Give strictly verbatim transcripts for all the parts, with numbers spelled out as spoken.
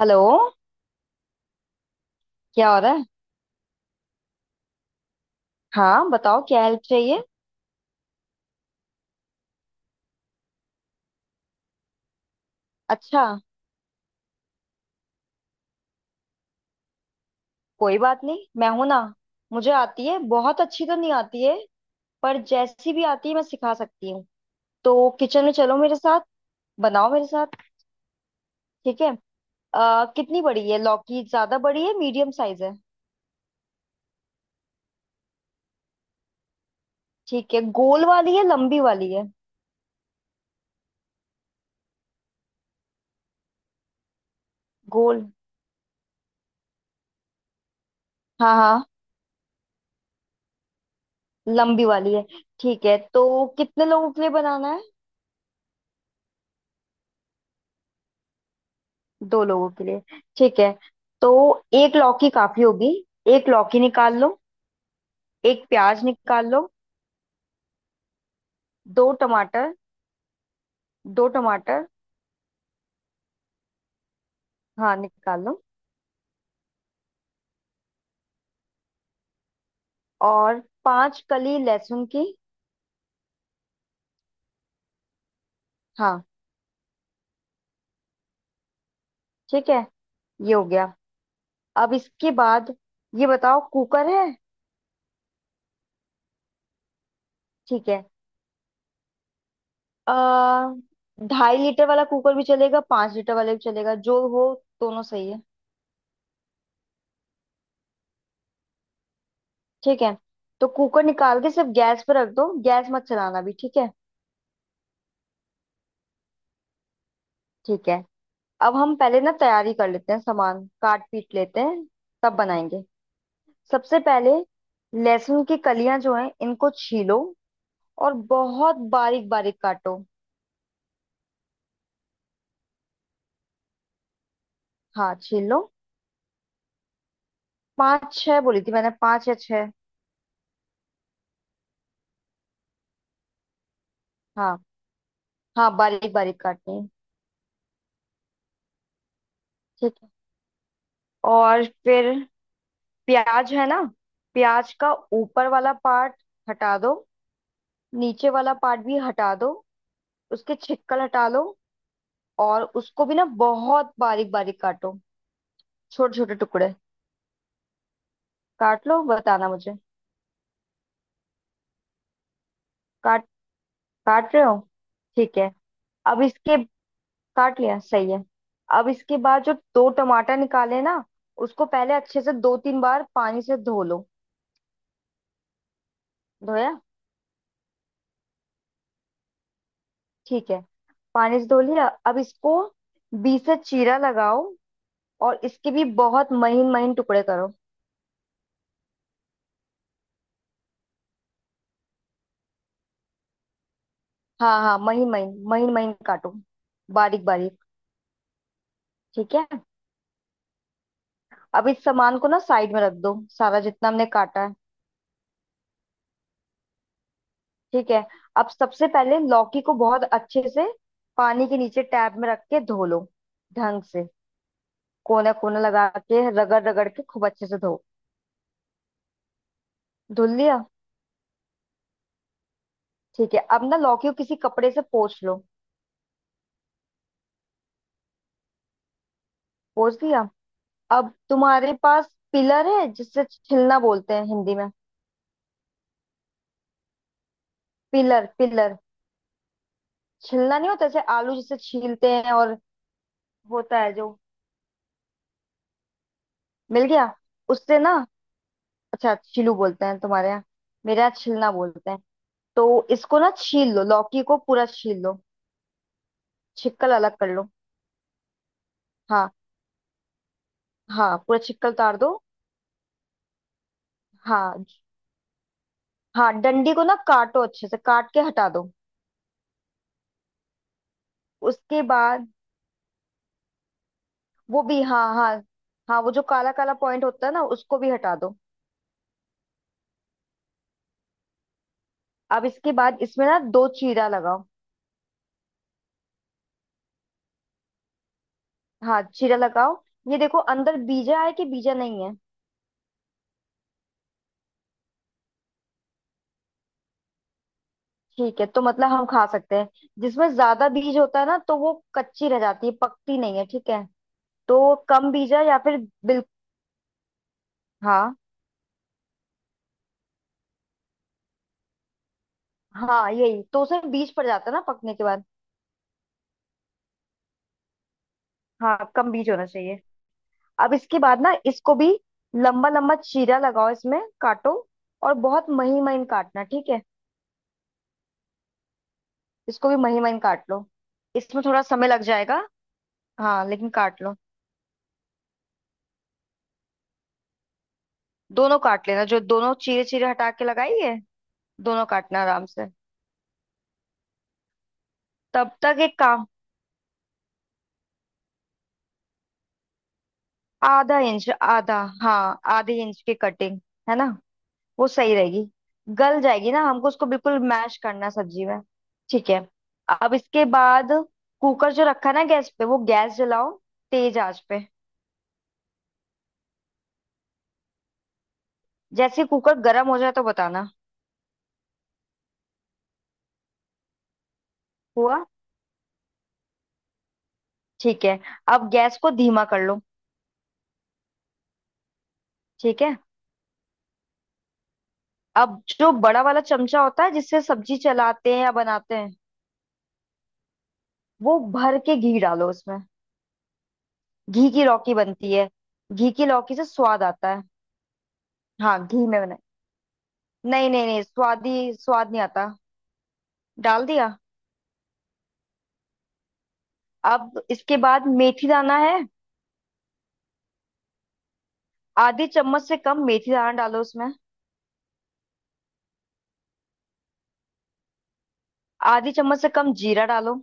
Hello. क्या हो रहा है? हाँ बताओ, क्या हेल्प चाहिए? अच्छा, कोई बात नहीं, मैं हूं ना। मुझे आती है, बहुत अच्छी तो नहीं आती है, पर जैसी भी आती है मैं सिखा सकती हूँ। तो किचन में चलो मेरे साथ। बनाओ मेरे साथ। ठीक है। आ, कितनी बड़ी है लौकी? ज्यादा बड़ी है, मीडियम साइज है? ठीक है, गोल वाली है लंबी वाली है? गोल। हाँ हाँ, लंबी वाली है। ठीक है, तो कितने लोगों के लिए बनाना है? दो लोगों के लिए। ठीक है, तो एक लौकी काफी होगी। एक लौकी निकाल लो। एक प्याज निकाल लो। दो टमाटर। दो टमाटर। हाँ निकाल लो। और पांच कली लहसुन की। हाँ। ठीक है। ये हो गया। अब इसके बाद ये बताओ, कुकर है? ठीक है। आ, ढाई लीटर वाला कुकर भी चलेगा, पांच लीटर वाला भी चलेगा, जो हो। दोनों सही है। ठीक है, तो कुकर निकाल के सिर्फ गैस पे रख दो, गैस मत चलाना भी, ठीक है। ठीक है। अब हम पहले ना तैयारी कर लेते हैं, सामान काट पीट लेते हैं, तब बनाएंगे। सबसे पहले लहसुन की कलियां जो हैं इनको छीलो और बहुत बारीक बारीक काटो। हाँ छील लो। पाँच छह बोली थी मैंने, पाँच या छह। हाँ हाँ, बारीक बारीक काटनी है। ठीक है। और फिर प्याज है ना, प्याज का ऊपर वाला पार्ट हटा दो। नीचे वाला पार्ट भी हटा दो। उसके छिक्कल हटा लो। और उसको भी ना बहुत बारीक बारीक काटो, छोटे छोटे टुकड़े। काट लो, बताना मुझे। काट काट रहे हो? ठीक है। अब इसके— काट लिया, सही है। अब इसके बाद जो दो टमाटर निकाले ना, उसको पहले अच्छे से दो तीन बार पानी से धो लो। धोया? ठीक है, पानी से धो लिया, अब इसको बीच से चीरा लगाओ और इसके भी बहुत महीन महीन टुकड़े करो। हाँ हाँ, महीन महीन महीन महीन काटो, बारीक बारीक। ठीक है। अब इस सामान को ना साइड में रख दो, सारा जितना हमने काटा है। ठीक है। अब सबसे पहले लौकी को बहुत अच्छे से पानी के नीचे टैब में रख के धो लो ढंग से, कोने कोने लगा के, रगड़ रगड़ के खूब अच्छे से धो। धुल लिया? ठीक है, अब ना लौकी को किसी कपड़े से पोंछ लो। पोंछ दिया? अब तुम्हारे पास पिलर है, जिससे छिलना बोलते हैं हिंदी में, पिलर, पिलर। छिलना नहीं होता जैसे आलू जिसे छीलते हैं, और होता है जो— मिल गया? उससे ना— अच्छा, छिलू बोलते हैं तुम्हारे यहाँ, मेरे यहाँ छिलना बोलते हैं। तो इसको ना छील लो, लौकी को पूरा छील लो, छिक्कल अलग कर लो। हाँ हाँ, पूरा छिक्कल उतार दो। हाँ हाँ, डंडी को ना काटो अच्छे से, काट के हटा दो। उसके बाद— वो भी, हाँ हाँ हाँ, वो जो काला काला पॉइंट होता है ना, उसको भी हटा दो। अब इसके बाद इसमें ना दो चीरा लगाओ। हाँ, चीरा लगाओ। ये देखो अंदर बीजा है कि बीजा नहीं है। ठीक है, तो मतलब हम खा सकते हैं। जिसमें ज्यादा बीज होता है ना तो वो कच्ची रह जाती है, पकती नहीं है, ठीक है। तो कम बीजा, या फिर बिल्कुल। हाँ हाँ, यही तो, उसमें बीज पड़ जाता है ना पकने के बाद। हाँ, कम बीज होना चाहिए। अब इसके बाद ना इसको भी लंबा लंबा चीरा लगाओ इसमें, काटो, और बहुत महीन महीन काटना, ठीक है। इसको भी महीन महीन काट लो, इसमें थोड़ा समय लग जाएगा। हाँ, लेकिन काट लो। दोनों काट लेना, जो दोनों चीरे चीरे हटा के लगाई है, दोनों काटना आराम से। तब तक एक काम— आधा इंच, आधा, हाँ, आधे इंच की कटिंग, है ना, वो सही रहेगी। गल जाएगी ना, हमको उसको बिल्कुल मैश करना है सब्जी में। ठीक है। अब इसके बाद कुकर जो रखा ना गैस पे, वो गैस जलाओ, तेज आंच पे। जैसे ही कुकर गर्म हो जाए तो बताना। हुआ? ठीक है, अब गैस को धीमा कर लो। ठीक है। अब जो बड़ा वाला चमचा होता है जिससे सब्जी चलाते हैं या बनाते हैं, वो भर के घी डालो उसमें। घी की लौकी बनती है, घी की लौकी से स्वाद आता है। हाँ, घी में बना। नहीं नहीं नहीं, स्वाद ही, स्वाद नहीं आता। डाल दिया? अब इसके बाद मेथी दाना है। आधी चम्मच से कम मेथी दाना डालो उसमें। आधी चम्मच से कम जीरा डालो।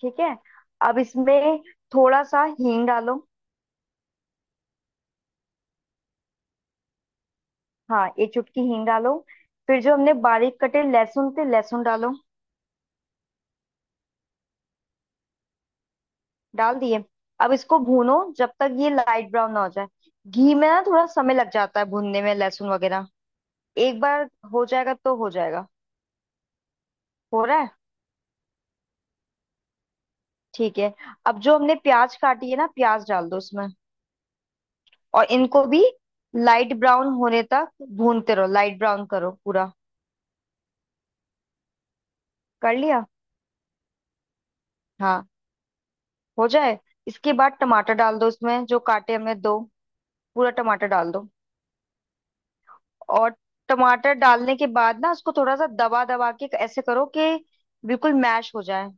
ठीक है, अब इसमें थोड़ा सा हींग डालो। हाँ, एक चुटकी हींग डालो। फिर जो हमने बारीक कटे लहसुन थे, लहसुन डालो। डाल दिए? अब इसको भूनो जब तक ये लाइट ब्राउन ना हो जाए। घी में ना थोड़ा समय लग जाता है भूनने में, लहसुन वगैरह। एक बार हो जाएगा तो हो जाएगा। हो रहा है? ठीक है। अब जो हमने प्याज काटी है ना, प्याज डाल दो उसमें, और इनको भी लाइट ब्राउन होने तक भूनते रहो, लाइट ब्राउन करो पूरा। कर लिया? हाँ, हो जाए। इसके बाद टमाटर डाल दो उसमें, जो काटे हमने दो, पूरा टमाटर डाल दो। और टमाटर डालने के बाद ना उसको थोड़ा सा दबा दबा के ऐसे करो कि बिल्कुल मैश हो जाए,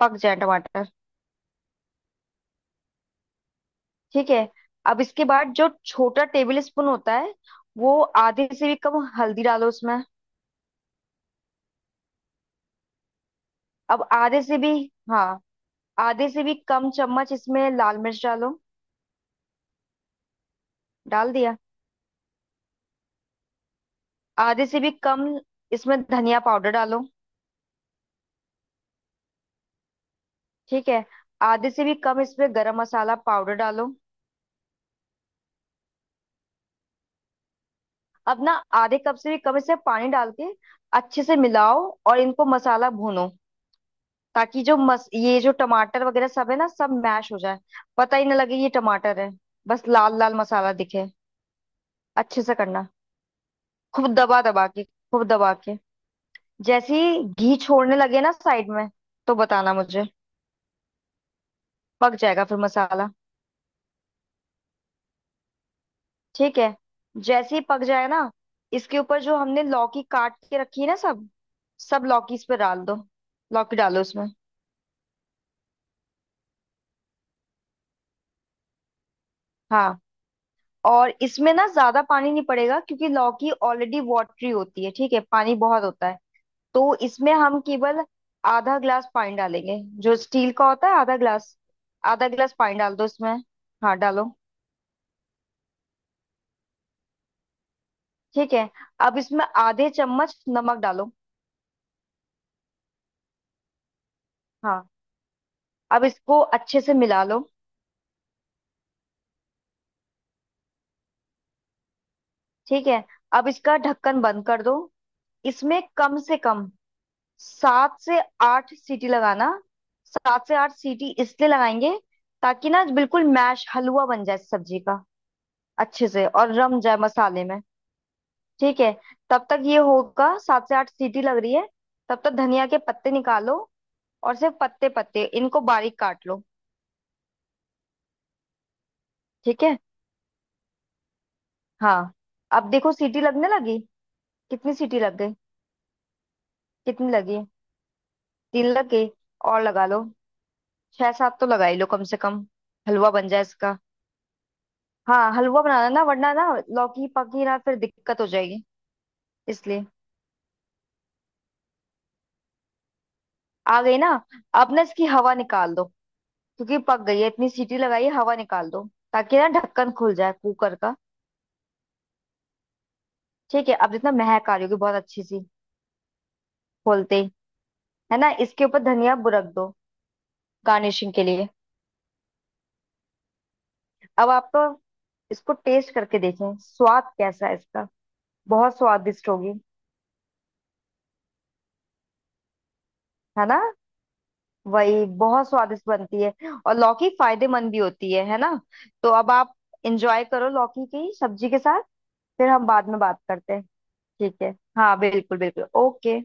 पक जाए टमाटर। ठीक है। अब इसके बाद जो छोटा टेबल स्पून होता है, वो आधे से भी कम हल्दी डालो उसमें। अब आधे से भी, हाँ, आधे से भी कम चम्मच इसमें लाल मिर्च डालो। डाल दिया? आधे से भी कम इसमें धनिया पाउडर डालो। ठीक है। आधे से भी कम इसमें गरम मसाला पाउडर डालो। अब ना आधे कप से भी कम इसमें पानी डाल के अच्छे से मिलाओ, और इनको मसाला भूनो, ताकि जो मस ये जो टमाटर वगैरह सब है ना, सब मैश हो जाए, पता ही ना लगे ये टमाटर है, बस लाल लाल मसाला दिखे। अच्छे से करना, खूब दबा दबा के, खूब दबा के। जैसे ही घी छोड़ने लगे ना साइड में, तो बताना मुझे, पक जाएगा फिर मसाला। ठीक है। जैसे ही पक जाए ना, इसके ऊपर जो हमने लौकी काट के रखी है ना, सब सब लौकी इस पे डाल दो। लौकी डालो इसमें, हाँ। और इसमें ना ज्यादा पानी नहीं पड़ेगा क्योंकि लौकी ऑलरेडी वाटरी होती है, ठीक है, पानी बहुत होता है। तो इसमें हम केवल आधा ग्लास पानी डालेंगे, जो स्टील का होता है, आधा ग्लास। आधा ग्लास पानी डाल दो इसमें, हाँ डालो। ठीक है। अब इसमें आधे चम्मच नमक डालो। हाँ। अब इसको अच्छे से मिला लो। ठीक है। अब इसका ढक्कन बंद कर दो। इसमें कम से कम सात से आठ सीटी लगाना। सात से आठ सीटी इसलिए लगाएंगे ताकि ना बिल्कुल मैश, हलवा बन जाए सब्जी का, अच्छे से, और रम जाए मसाले में। ठीक है। तब तक ये होगा, सात से आठ सीटी लग रही है, तब तक धनिया के पत्ते निकालो, और सिर्फ पत्ते पत्ते, इनको बारीक काट लो। ठीक है, हाँ। अब देखो सीटी लगने लगी। कितनी सीटी लग गई? कितनी लगी? तीन लग गई? और लगा लो, छह सात तो लगा ही लो कम से कम। हलवा बन जाए इसका। हाँ, हलवा बनाना ना, वरना ना लौकी पकी ना, फिर दिक्कत हो जाएगी, इसलिए। आ गई ना? अब ना इसकी हवा निकाल दो, क्योंकि पक गई है, इतनी सीटी लगाई है, हवा निकाल दो ताकि ना ढक्कन खुल जाए कुकर का। ठीक है, अब जितना महक आ रही होगी, बहुत अच्छी सी, खोलते ही, है ना, इसके ऊपर धनिया बुरक दो गार्निशिंग के लिए। अब आप तो इसको टेस्ट करके देखें, स्वाद कैसा है इसका। बहुत स्वादिष्ट होगी। है ना, वही बहुत स्वादिष्ट बनती है, और लौकी फायदेमंद भी होती है है ना। तो अब आप इंजॉय करो लौकी की सब्जी के साथ। फिर हम बाद में बात करते हैं। ठीक है, हाँ बिल्कुल बिल्कुल। ओके।